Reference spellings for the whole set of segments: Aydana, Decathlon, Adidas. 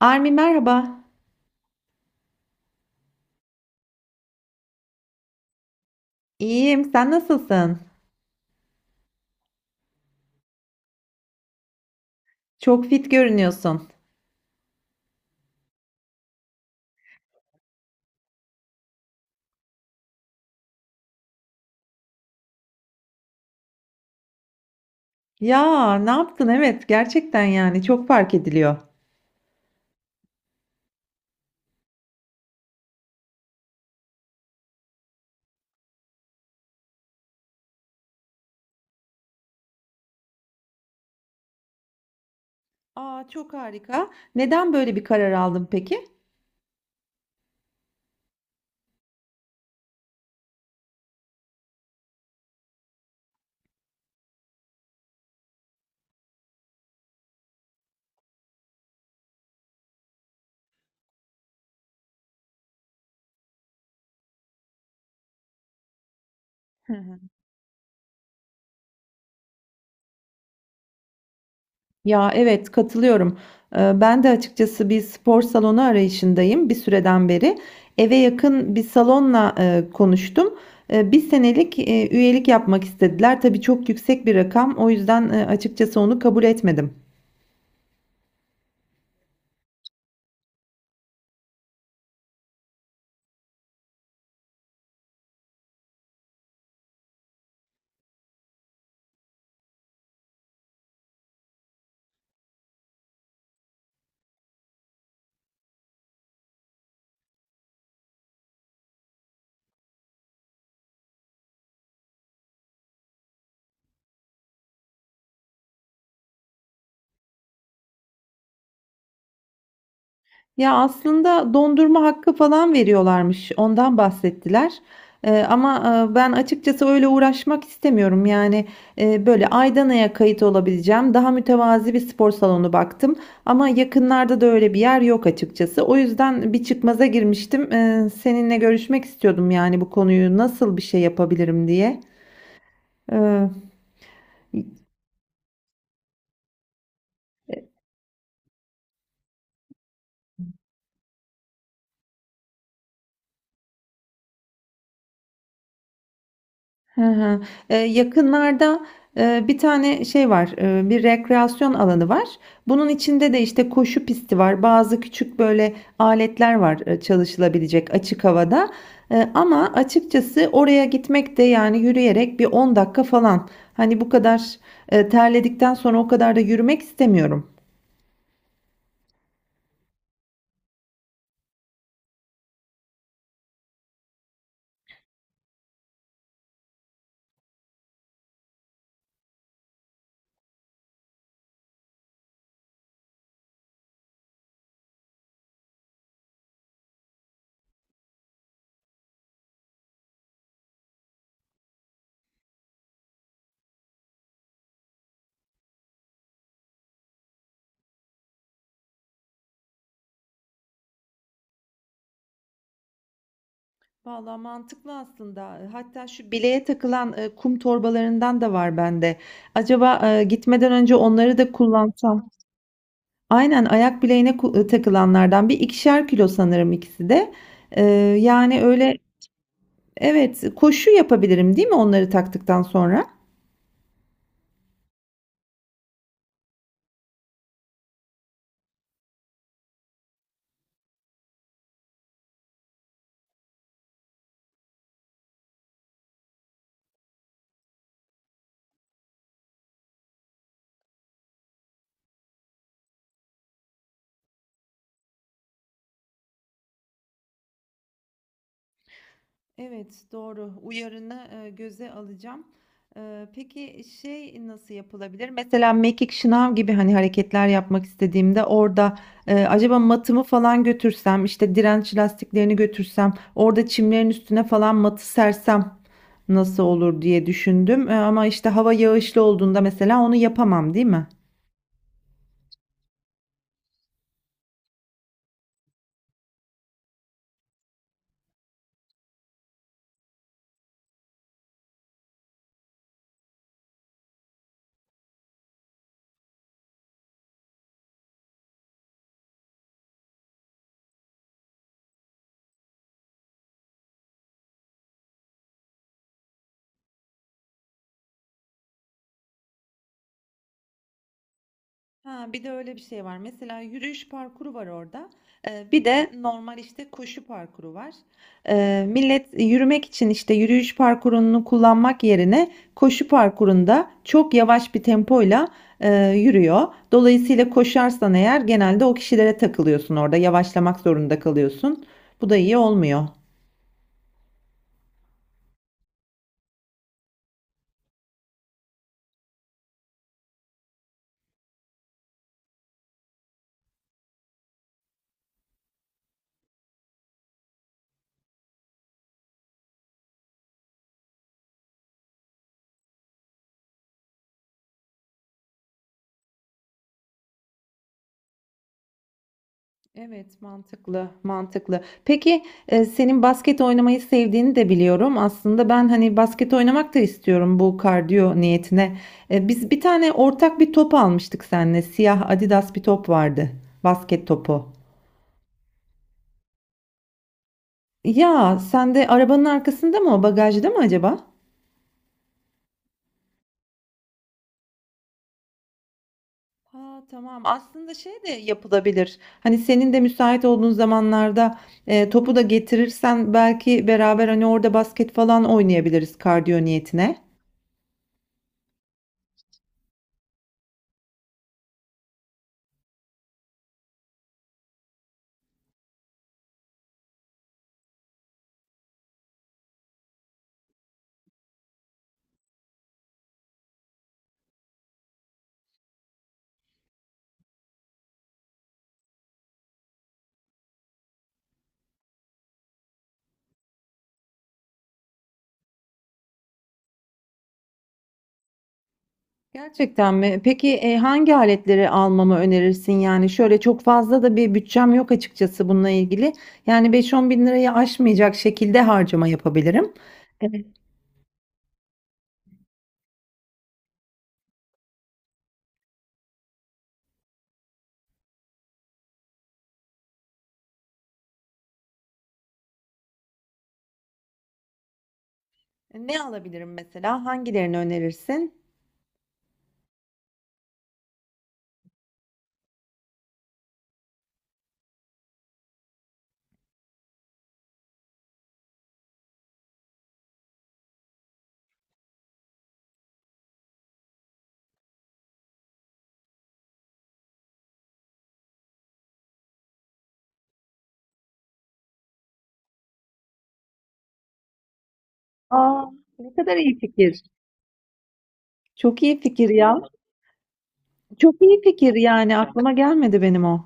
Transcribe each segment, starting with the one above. Armi merhaba. İyiyim, sen nasılsın? Çok fit görünüyorsun. Ya ne yaptın? Evet, gerçekten yani çok fark ediliyor. Aa, çok harika. Neden böyle bir karar aldın peki? Hı hı. Ya evet katılıyorum. Ben de açıkçası bir spor salonu arayışındayım bir süreden beri. Eve yakın bir salonla konuştum. Bir senelik üyelik yapmak istediler. Tabii çok yüksek bir rakam. O yüzden açıkçası onu kabul etmedim. Ya aslında dondurma hakkı falan veriyorlarmış. Ondan bahsettiler. Ama ben açıkçası öyle uğraşmak istemiyorum. Yani böyle Aydana'ya kayıt olabileceğim daha mütevazi bir spor salonu baktım. Ama yakınlarda da öyle bir yer yok açıkçası. O yüzden bir çıkmaza girmiştim. Seninle görüşmek istiyordum yani bu konuyu nasıl bir şey yapabilirim diye. Ee, Hı hı. Yakınlarda bir tane şey var, bir rekreasyon alanı var. Bunun içinde de işte koşu pisti var, bazı küçük böyle aletler var çalışılabilecek açık havada. Ama açıkçası oraya gitmek de yani yürüyerek bir 10 dakika falan. Hani bu kadar terledikten sonra o kadar da yürümek istemiyorum. Valla mantıklı aslında. Hatta şu bileğe takılan kum torbalarından da var bende. Acaba gitmeden önce onları da kullansam. Aynen, ayak bileğine takılanlardan. Bir ikişer kilo sanırım ikisi de. Eee, yani öyle. Evet, koşu yapabilirim, değil mi onları taktıktan sonra? Evet, doğru. Uyarını, göze alacağım. Peki şey nasıl yapılabilir? Mesela mekik şınav gibi hani hareketler yapmak istediğimde orada, acaba matımı falan götürsem, işte direnç lastiklerini götürsem, orada çimlerin üstüne falan matı sersem nasıl olur diye düşündüm. Ama işte hava yağışlı olduğunda mesela onu yapamam, değil mi? Ha, bir de öyle bir şey var. Mesela yürüyüş parkuru var orada. Bir de normal işte koşu parkuru var. Millet yürümek için işte yürüyüş parkurunu kullanmak yerine koşu parkurunda çok yavaş bir tempoyla yürüyor. Dolayısıyla koşarsan eğer genelde o kişilere takılıyorsun orada. Yavaşlamak zorunda kalıyorsun. Bu da iyi olmuyor. Evet, mantıklı, mantıklı. Peki senin basket oynamayı sevdiğini de biliyorum. Aslında ben hani basket oynamak da istiyorum bu kardiyo niyetine. Biz bir tane ortak bir top almıştık seninle. Siyah Adidas bir top vardı. Basket topu. Ya sen de arabanın arkasında mı o bagajda mı acaba? Ha, tamam. Aslında şey de yapılabilir. Hani senin de müsait olduğun zamanlarda topu da getirirsen belki beraber hani orada basket falan oynayabiliriz kardiyo niyetine. Gerçekten mi? Peki hangi aletleri almamı önerirsin? Yani şöyle çok fazla da bir bütçem yok açıkçası bununla ilgili. Yani 5-10 bin lirayı aşmayacak şekilde harcama yapabilirim. Evet. Ne alabilirim mesela? Hangilerini önerirsin? Aa, ne kadar iyi fikir. Çok iyi fikir ya. Çok iyi fikir yani aklıma gelmedi benim o.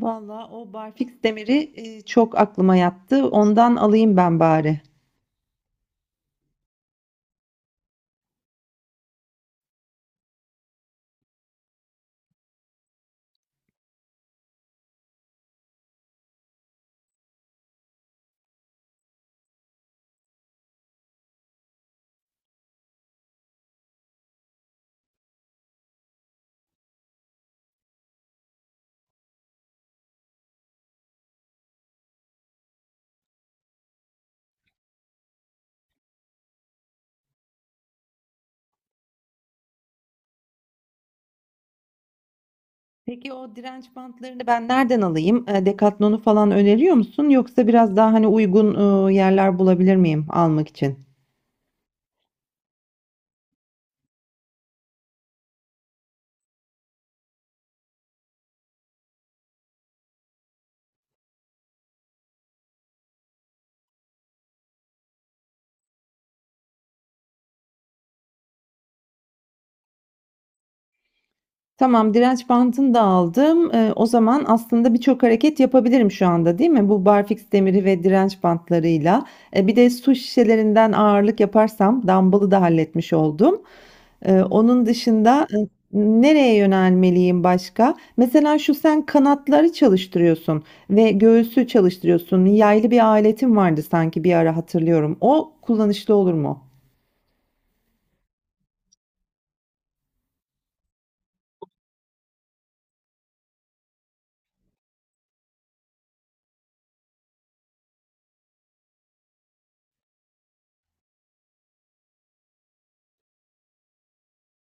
Vallahi o barfiks demiri çok aklıma yattı. Ondan alayım ben bari. Peki o direnç bantlarını ben nereden alayım? Decathlon'u falan öneriyor musun? Yoksa biraz daha hani uygun yerler bulabilir miyim almak için? Tamam, direnç bandını da aldım. O zaman aslında birçok hareket yapabilirim şu anda, değil mi? Bu barfiks demiri ve direnç bantlarıyla. Bir de su şişelerinden ağırlık yaparsam dumbbell'ı da halletmiş oldum. Onun dışında nereye yönelmeliyim başka? Mesela şu sen kanatları çalıştırıyorsun ve göğsü çalıştırıyorsun. Yaylı bir aletin vardı sanki bir ara hatırlıyorum. O kullanışlı olur mu?